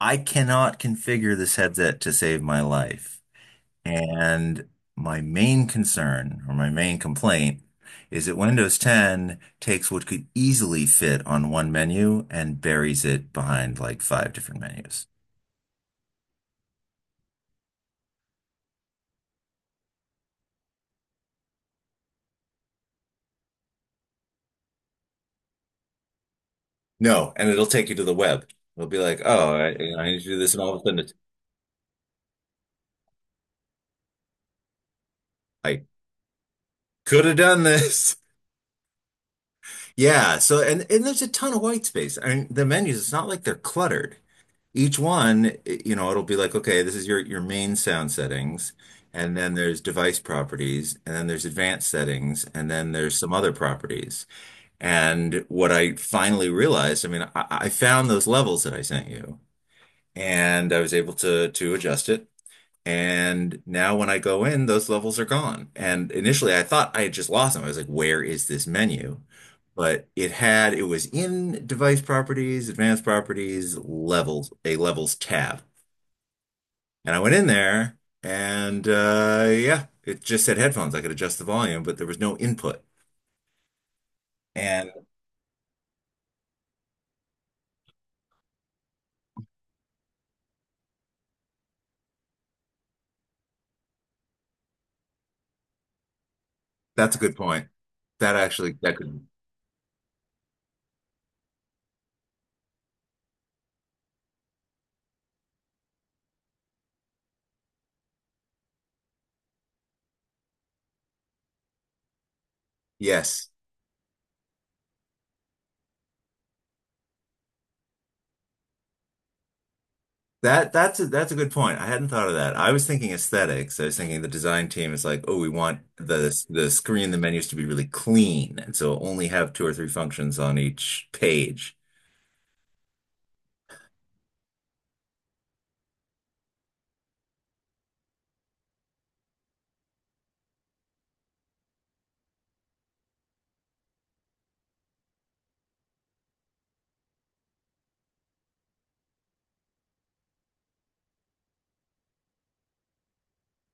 I cannot configure this headset to save my life. And my main concern or my main complaint is that Windows 10 takes what could easily fit on one menu and buries it behind like five different menus. No, and it'll take you to the web. It'll be like, oh, I need to do this, and all of a sudden, it's, I could have done this. Yeah. So, and there's a ton of white space. I mean, the menus. It's not like they're cluttered. Each one, it'll be like, okay, this is your main sound settings, and then there's device properties, and then there's advanced settings, and then there's some other properties. And what I finally realized, I mean, I found those levels that I sent you, and I was able to adjust it. And now when I go in, those levels are gone. And initially I thought I had just lost them. I was like, where is this menu? But it was in device properties, advanced properties, levels, a levels tab. And I went in there and yeah, it just said headphones. I could adjust the volume, but there was no input. And that's a good point. That actually, that could. Yes. That's a good point. I hadn't thought of that. I was thinking aesthetics. I was thinking the design team is like, oh, we want the screen, the menus to be really clean, and so only have two or three functions on each page.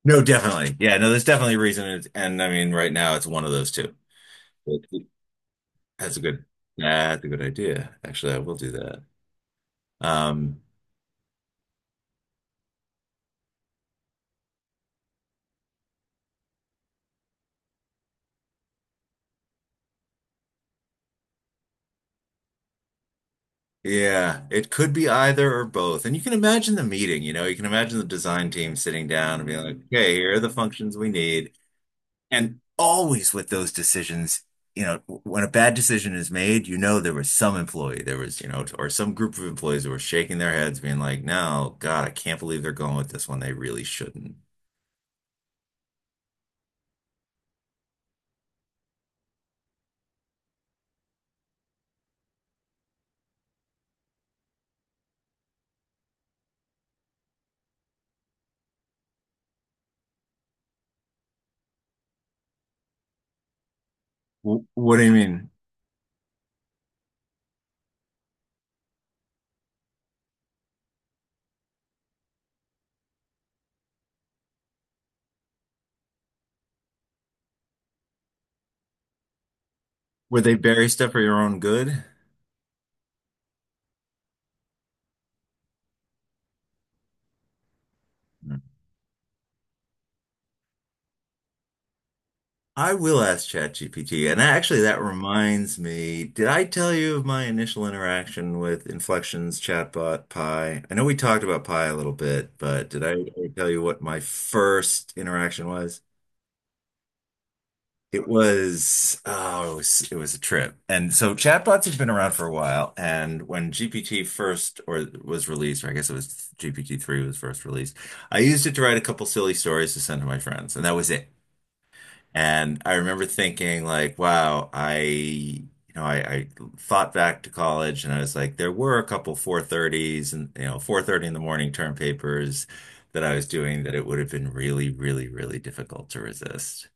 No, definitely. Yeah, no, there's definitely a reason. It's, and I mean, right now it's one of those two. That's a good that's a good idea. Actually, I will do that. Um, yeah, it could be either or both. And you can imagine the meeting, you can imagine the design team sitting down and being like, okay, here are the functions we need. And always with those decisions, you know, when a bad decision is made, there was some employee, there was, or some group of employees that were shaking their heads, being like, no, God, I can't believe they're going with this one. They really shouldn't. What do you mean? Would they bury stuff for your own good? I will ask ChatGPT. And actually, that reminds me, did I tell you of my initial interaction with Inflection's chatbot Pi? I know we talked about Pi a little bit, but did I tell you what my first interaction was? It was, oh, it was a trip. And so chatbots have been around for a while. And when GPT first, or was released, or I guess it was GPT-3 was first released, I used it to write a couple silly stories to send to my friends, and that was it. And I remember thinking like, wow, I, you know, I thought back to college and I was like, there were a couple 4:30s and, 4:30 in the morning term papers that I was doing that it would have been really, really, really difficult to resist.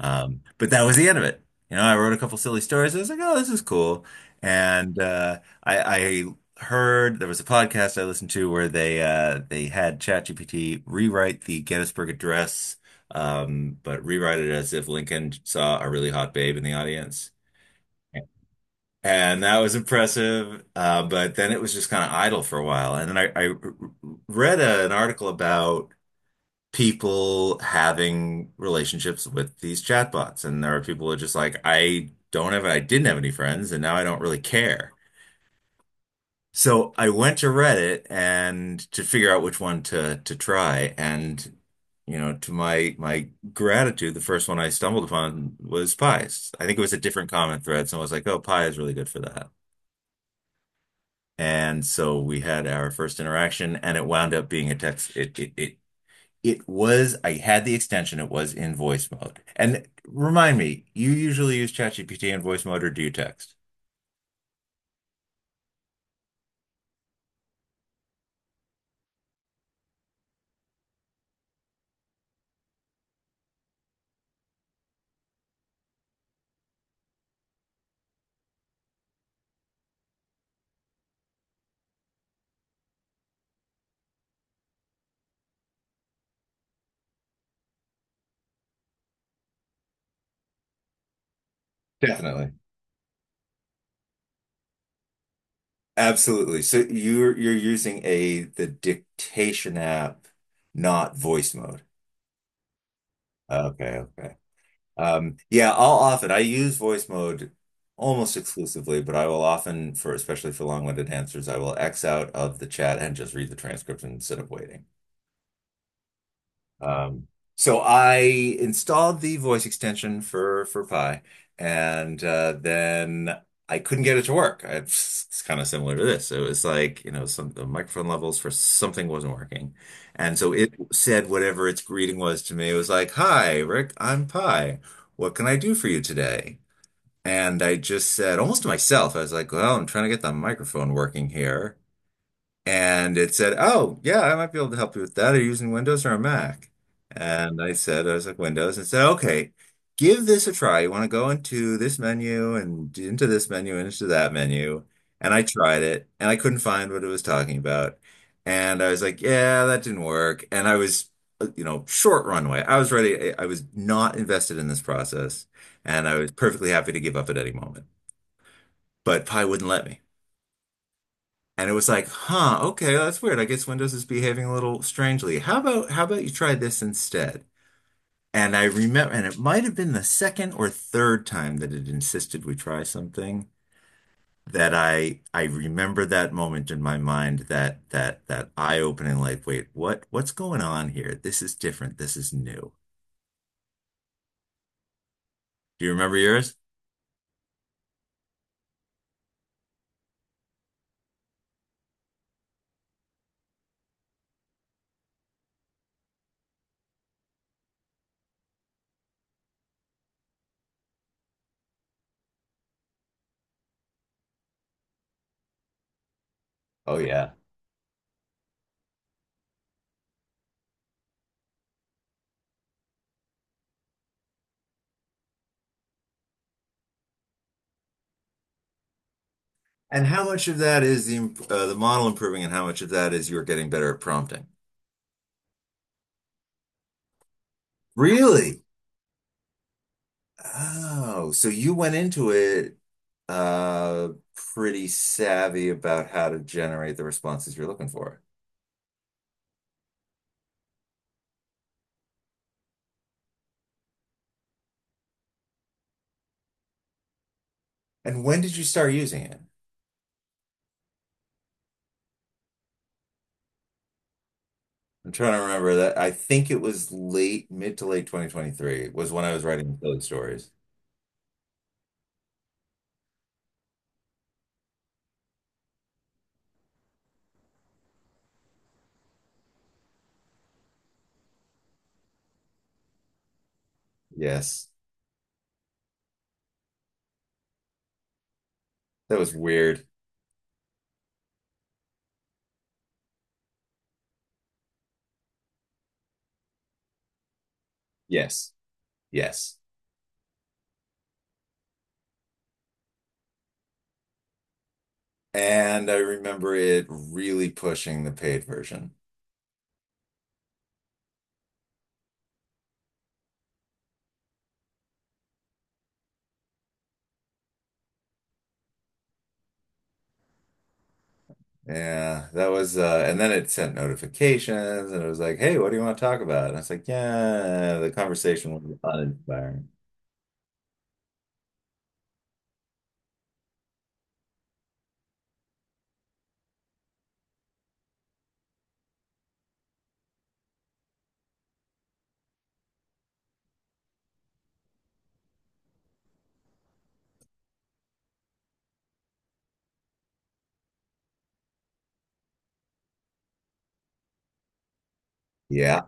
But that was the end of it. I wrote a couple silly stories. I was like, oh, this is cool. And I heard there was a podcast I listened to where they had ChatGPT rewrite the Gettysburg Address, but rewrite it as if Lincoln saw a really hot babe in the audience. And that was impressive. But then it was just kind of idle for a while. And then I read an article about people having relationships with these chatbots. And there are people who are just like, I don't have, I didn't have any friends, and now I don't really care. So I went to Reddit and to figure out which one to try. And to my gratitude, the first one I stumbled upon was pies. I think it was a different comment thread. Someone was like, "Oh, pie is really good for that." And so we had our first interaction, and it wound up being a text. It was, I had the extension, it was in voice mode. And remind me, you usually use ChatGPT in voice mode or do you text? Definitely. Absolutely. So you're using a the dictation app, not voice mode. Okay, okay. Yeah, I'll often I use voice mode almost exclusively, but I will often for especially for long-winded answers, I will X out of the chat and just read the transcript instead of waiting. Um, so I installed the voice extension for Pi, and then I couldn't get it to work. It's kind of similar to this. It was like, some the microphone levels for something wasn't working, and so it said whatever its greeting was to me. It was like, "Hi, Rick, I'm Pi. What can I do for you today?" And I just said, almost to myself, I was like, "Well, I'm trying to get the microphone working here." And it said, oh, yeah, I might be able to help you with that. Are you using Windows or a Mac? And I said, I was like, Windows. And it said, okay, give this a try. You want to go into this menu and into this menu and into that menu. And I tried it and I couldn't find what it was talking about. And I was like, yeah, that didn't work. And I was, short runway. I was ready. I was not invested in this process and I was perfectly happy to give up at any moment, but Pi wouldn't let me. And it was like, huh, okay, oh, that's weird. I guess Windows is behaving a little strangely. How about you try this instead? And I remember, and it might have been the second or third time that it insisted we try something that I remember that moment in my mind that eye-opening like, wait, what's going on here? This is different. This is new. Do you remember yours? Oh yeah. And how much of that is the model improving, and how much of that is you're getting better at prompting? Really? Oh, so you went into it pretty savvy about how to generate the responses you're looking for. And when did you start using it? I'm trying to remember that. I think it was late, mid to late 2023 was when I was writing those stories. Yes. That was weird. Yes. Yes. And I remember it really pushing the paid version. Yeah, that was, and then it sent notifications and it was like, hey, what do you want to talk about? And I was like, yeah, the conversation was uninspiring. Yeah.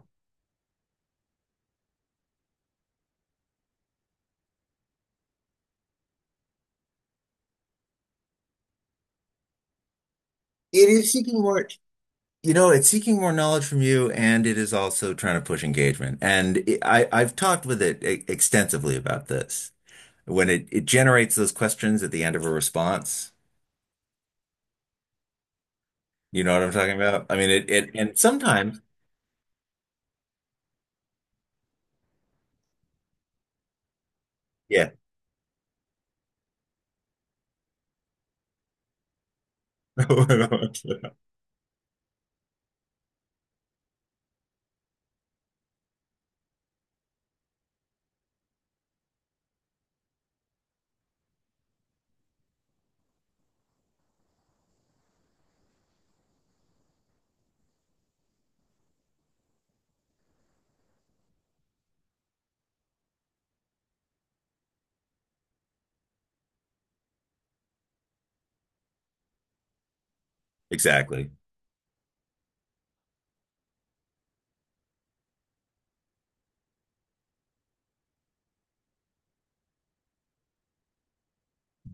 It is seeking more, it's seeking more knowledge from you and it is also trying to push engagement. And I've talked with it extensively about this. When it generates those questions at the end of a response, you know what I'm talking about? I mean, and sometimes, yeah, exactly.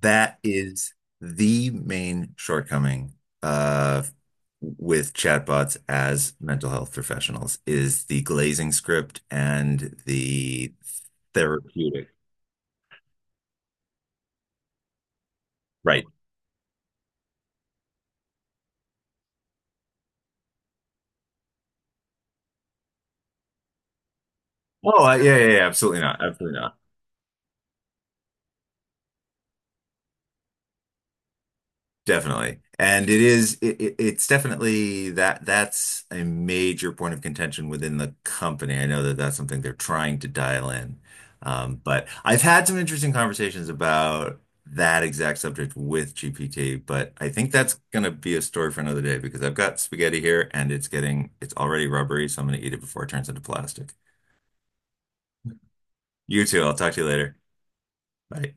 That is the main shortcoming uh, with chatbots as mental health professionals is the glazing script and the therapeutic. Right. Oh, yeah, yeah, yeah, absolutely not. Absolutely not. Definitely. And it is it, it- it's definitely that that's a major point of contention within the company. I know that that's something they're trying to dial in. But I've had some interesting conversations about that exact subject with GPT, but I think that's going to be a story for another day because I've got spaghetti here and it's already rubbery, so I'm going to eat it before it turns into plastic. You too. I'll talk to you later. Bye.